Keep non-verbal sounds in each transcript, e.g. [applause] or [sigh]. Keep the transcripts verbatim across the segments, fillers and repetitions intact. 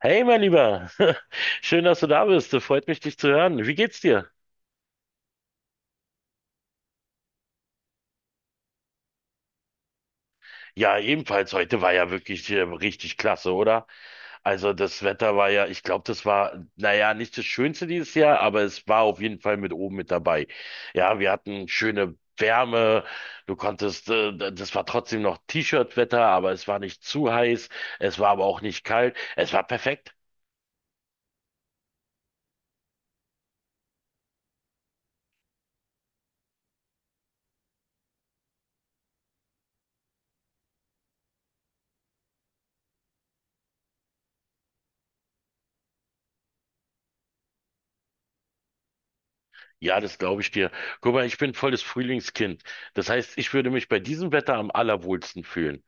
Hey, mein Lieber. [laughs] Schön, dass du da bist. Freut mich, dich zu hören. Wie geht's dir? Ja, ebenfalls. Heute war ja wirklich äh, richtig klasse, oder? Also das Wetter war ja, ich glaube, das war, naja, nicht das Schönste dieses Jahr, aber es war auf jeden Fall mit oben mit dabei. Ja, wir hatten schöne Wärme. Du konntest, äh, das war trotzdem noch T-Shirt-Wetter, aber es war nicht zu heiß. Es war aber auch nicht kalt. Es war perfekt. Ja, das glaube ich dir. Guck mal, ich bin volles Frühlingskind. Das heißt, ich würde mich bei diesem Wetter am allerwohlsten fühlen,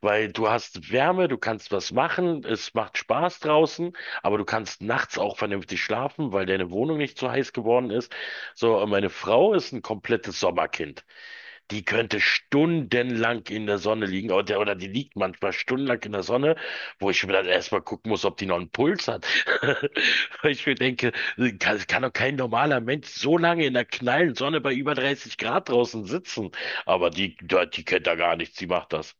weil du hast Wärme, du kannst was machen, es macht Spaß draußen, aber du kannst nachts auch vernünftig schlafen, weil deine Wohnung nicht zu heiß geworden ist. So, und meine Frau ist ein komplettes Sommerkind. Die könnte stundenlang in der Sonne liegen, oder, oder die liegt manchmal stundenlang in der Sonne, wo ich mir dann erstmal gucken muss, ob die noch einen Puls hat. [laughs] Weil ich mir denke, kann, kann doch kein normaler Mensch so lange in der knallen Sonne bei über dreißig Grad draußen sitzen. Aber die, die, die kennt da gar nichts, die macht das.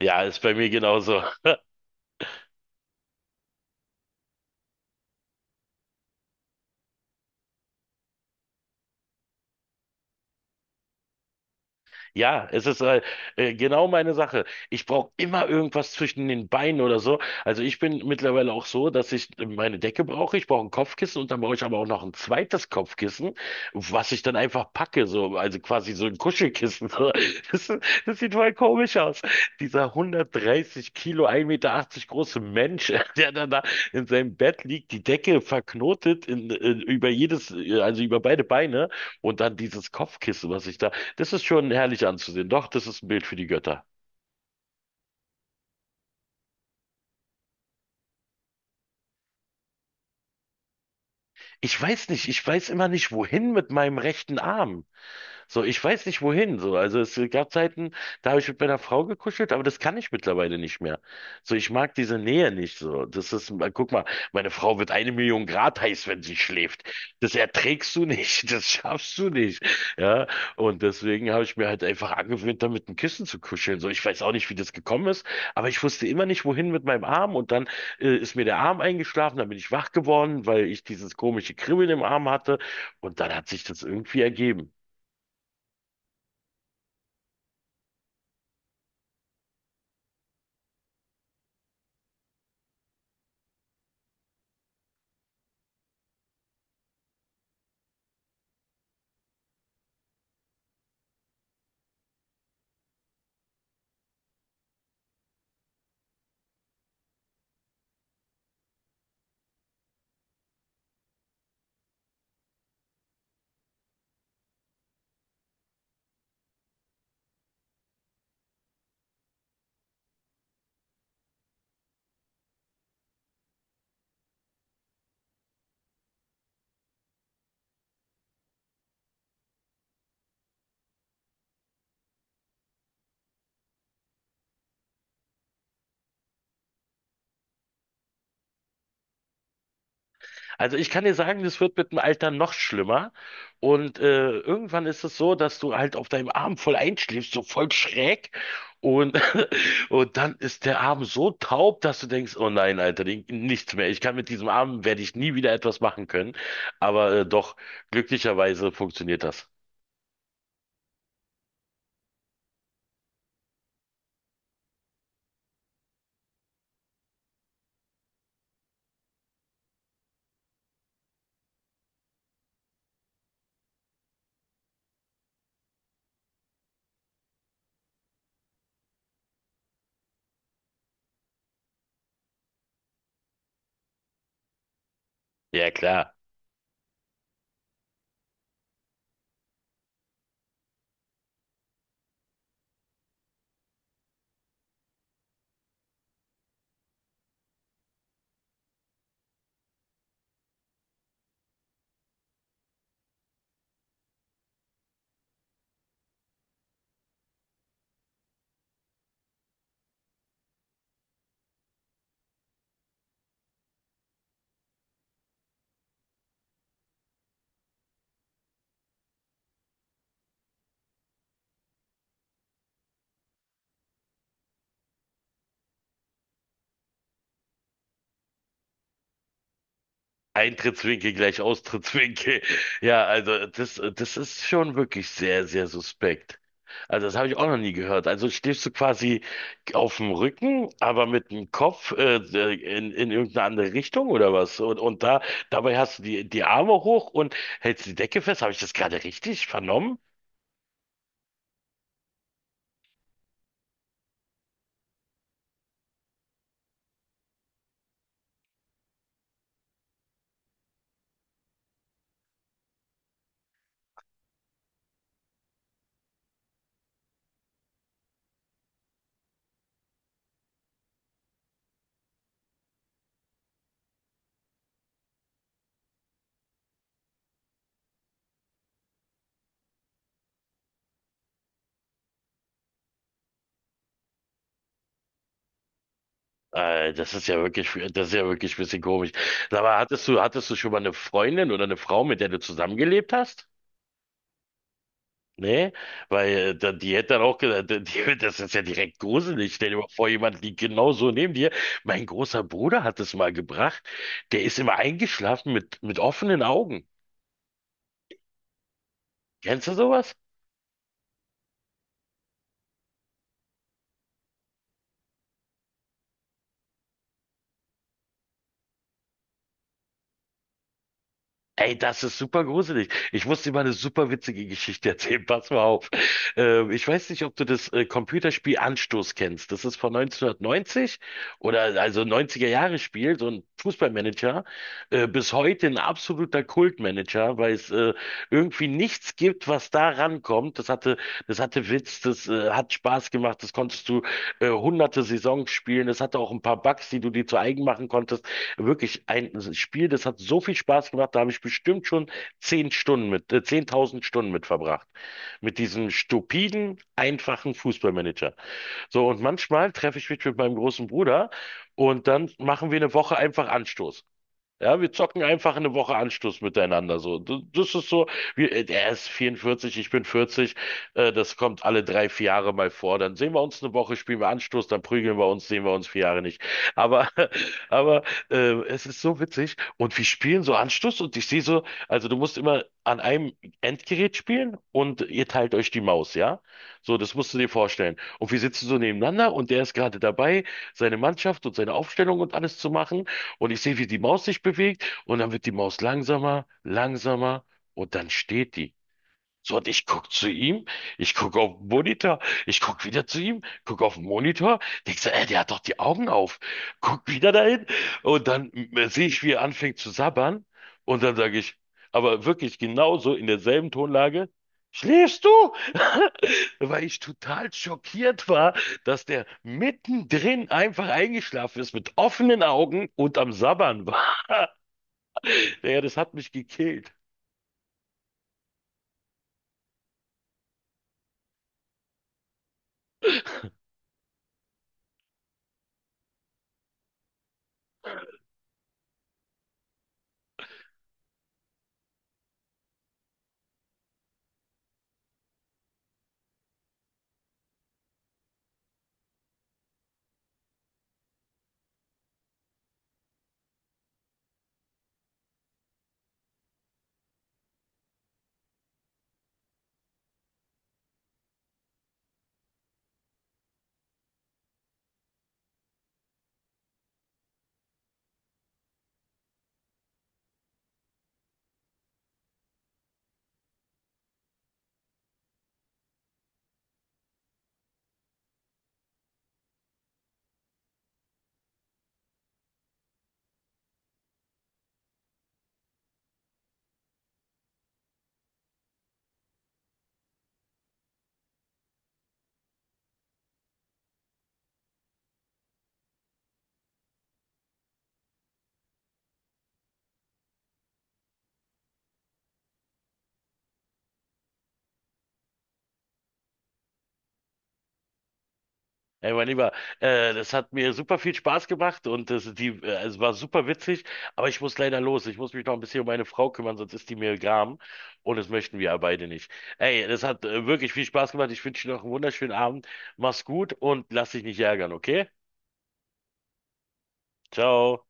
Ja, ist bei mir genauso. Ja, es ist äh, äh, genau meine Sache. Ich brauche immer irgendwas zwischen den Beinen oder so. Also ich bin mittlerweile auch so, dass ich äh, meine Decke brauche, ich brauche ein Kopfkissen und dann brauche ich aber auch noch ein zweites Kopfkissen, was ich dann einfach packe, so, also quasi so ein Kuschelkissen. [laughs] So. Das, das sieht voll komisch aus. Dieser hundertdreißig Kilo, ein Meter achtzig Meter achtzig große Mensch, [laughs] der dann da in seinem Bett liegt, die Decke verknotet in, in, über jedes, äh, also über beide Beine und dann dieses Kopfkissen, was ich da, das ist schon herrlich anzusehen. Doch, das ist ein Bild für die Götter. Ich weiß nicht, ich weiß immer nicht, wohin mit meinem rechten Arm. So, ich weiß nicht, wohin. So, also es gab Zeiten, da habe ich mit meiner Frau gekuschelt, aber das kann ich mittlerweile nicht mehr. So, ich mag diese Nähe nicht. So, das ist, guck mal, meine Frau wird eine Million Grad heiß, wenn sie schläft. Das erträgst du nicht, [laughs] das schaffst du nicht. Ja, und deswegen habe ich mir halt einfach angewöhnt, da mit dem Kissen zu kuscheln. So, ich weiß auch nicht, wie das gekommen ist, aber ich wusste immer nicht, wohin mit meinem Arm, und dann äh, ist mir der Arm eingeschlafen, dann bin ich wach geworden, weil ich dieses komische Kribbeln im Arm hatte, und dann hat sich das irgendwie ergeben. Also ich kann dir sagen, das wird mit dem Alter noch schlimmer, und äh, irgendwann ist es so, dass du halt auf deinem Arm voll einschläfst, so voll schräg, und [laughs] und dann ist der Arm so taub, dass du denkst, oh nein, Alter, den- nichts mehr. Ich kann mit diesem Arm werde ich nie wieder etwas machen können, aber äh, doch glücklicherweise funktioniert das. Ja, klar. Eintrittswinkel gleich Austrittswinkel. [laughs] Ja, also das, das ist schon wirklich sehr, sehr suspekt. Also das habe ich auch noch nie gehört. Also stehst du quasi auf dem Rücken, aber mit dem Kopf äh, äh, in, in irgendeine andere Richtung oder was? Und, und da dabei hast du die, die Arme hoch und hältst die Decke fest. Habe ich das gerade richtig vernommen? Äh, das ist ja wirklich, das ist ja wirklich ein bisschen komisch. Aber hattest du, hattest du schon mal eine Freundin oder eine Frau, mit der du zusammengelebt hast? Nee, weil äh, die hätte dann auch gesagt, äh, die, [laughs] das ist ja direkt gruselig. Stell dir mal vor, jemand liegt genau so neben dir. Mein großer Bruder hat es mal gebracht. Der ist immer eingeschlafen mit, mit offenen Augen. Kennst du sowas? Ey, das ist super gruselig. Ich muss dir mal eine super witzige Geschichte [laughs] erzählen. Pass mal auf. Ähm, ich weiß nicht, ob du das äh, Computerspiel Anstoß kennst. Das ist von neunzehnhundertneunzig, oder also neunziger Jahre Spiel, so ein Fußballmanager. Äh, bis heute ein absoluter Kultmanager, weil es äh, irgendwie nichts gibt, was da rankommt. Das hatte, das hatte Witz, das äh, hat Spaß gemacht. Das konntest du äh, hunderte Saisons spielen. Es hatte auch ein paar Bugs, die du dir zu eigen machen konntest. Wirklich ein Spiel, das hat so viel Spaß gemacht, da habe ich bestimmt schon zehn Stunden mit, äh, zehntausend Stunden mit verbracht. Mit diesem stupiden, einfachen Fußballmanager. So, und manchmal treffe ich mich mit meinem großen Bruder, und dann machen wir eine Woche einfach Anstoß. Ja, wir zocken einfach eine Woche Anschluss miteinander. So, D- das ist so, wir, äh, er ist vierundvierzig, ich bin vierzig. Äh, das kommt alle drei, vier Jahre mal vor. Dann sehen wir uns eine Woche, spielen wir Anschluss, dann prügeln wir uns, sehen wir uns vier Jahre nicht. Aber, [laughs] aber äh, es ist so witzig. Und wir spielen so Anschluss, und ich sehe so, also du musst immer an einem Endgerät spielen und ihr teilt euch die Maus, ja? So, das musst du dir vorstellen. Und wir sitzen so nebeneinander und der ist gerade dabei, seine Mannschaft und seine Aufstellung und alles zu machen. Und ich sehe, wie die Maus sich bewegt, und dann wird die Maus langsamer, langsamer, und dann steht die. So, und ich guck zu ihm, ich guck auf den Monitor, ich guck wieder zu ihm, guck auf den Monitor, denk so, ey, der hat doch die Augen auf. Guck wieder dahin, und dann äh, sehe ich, wie er anfängt zu sabbern, und dann sage ich, aber wirklich genauso in derselben Tonlage: Schläfst du? [laughs] Weil ich total schockiert war, dass der mittendrin einfach eingeschlafen ist mit offenen Augen und am Sabbern war. [laughs] Ja, das hat mich gekillt. Ey, mein Lieber, äh, das hat mir super viel Spaß gemacht, und das, die, äh, es war super witzig, aber ich muss leider los. Ich muss mich noch ein bisschen um meine Frau kümmern, sonst ist die mir gram, und das möchten wir ja beide nicht. Ey, das hat äh, wirklich viel Spaß gemacht. Ich wünsche dir noch einen wunderschönen Abend. Mach's gut und lass dich nicht ärgern, okay? Ciao.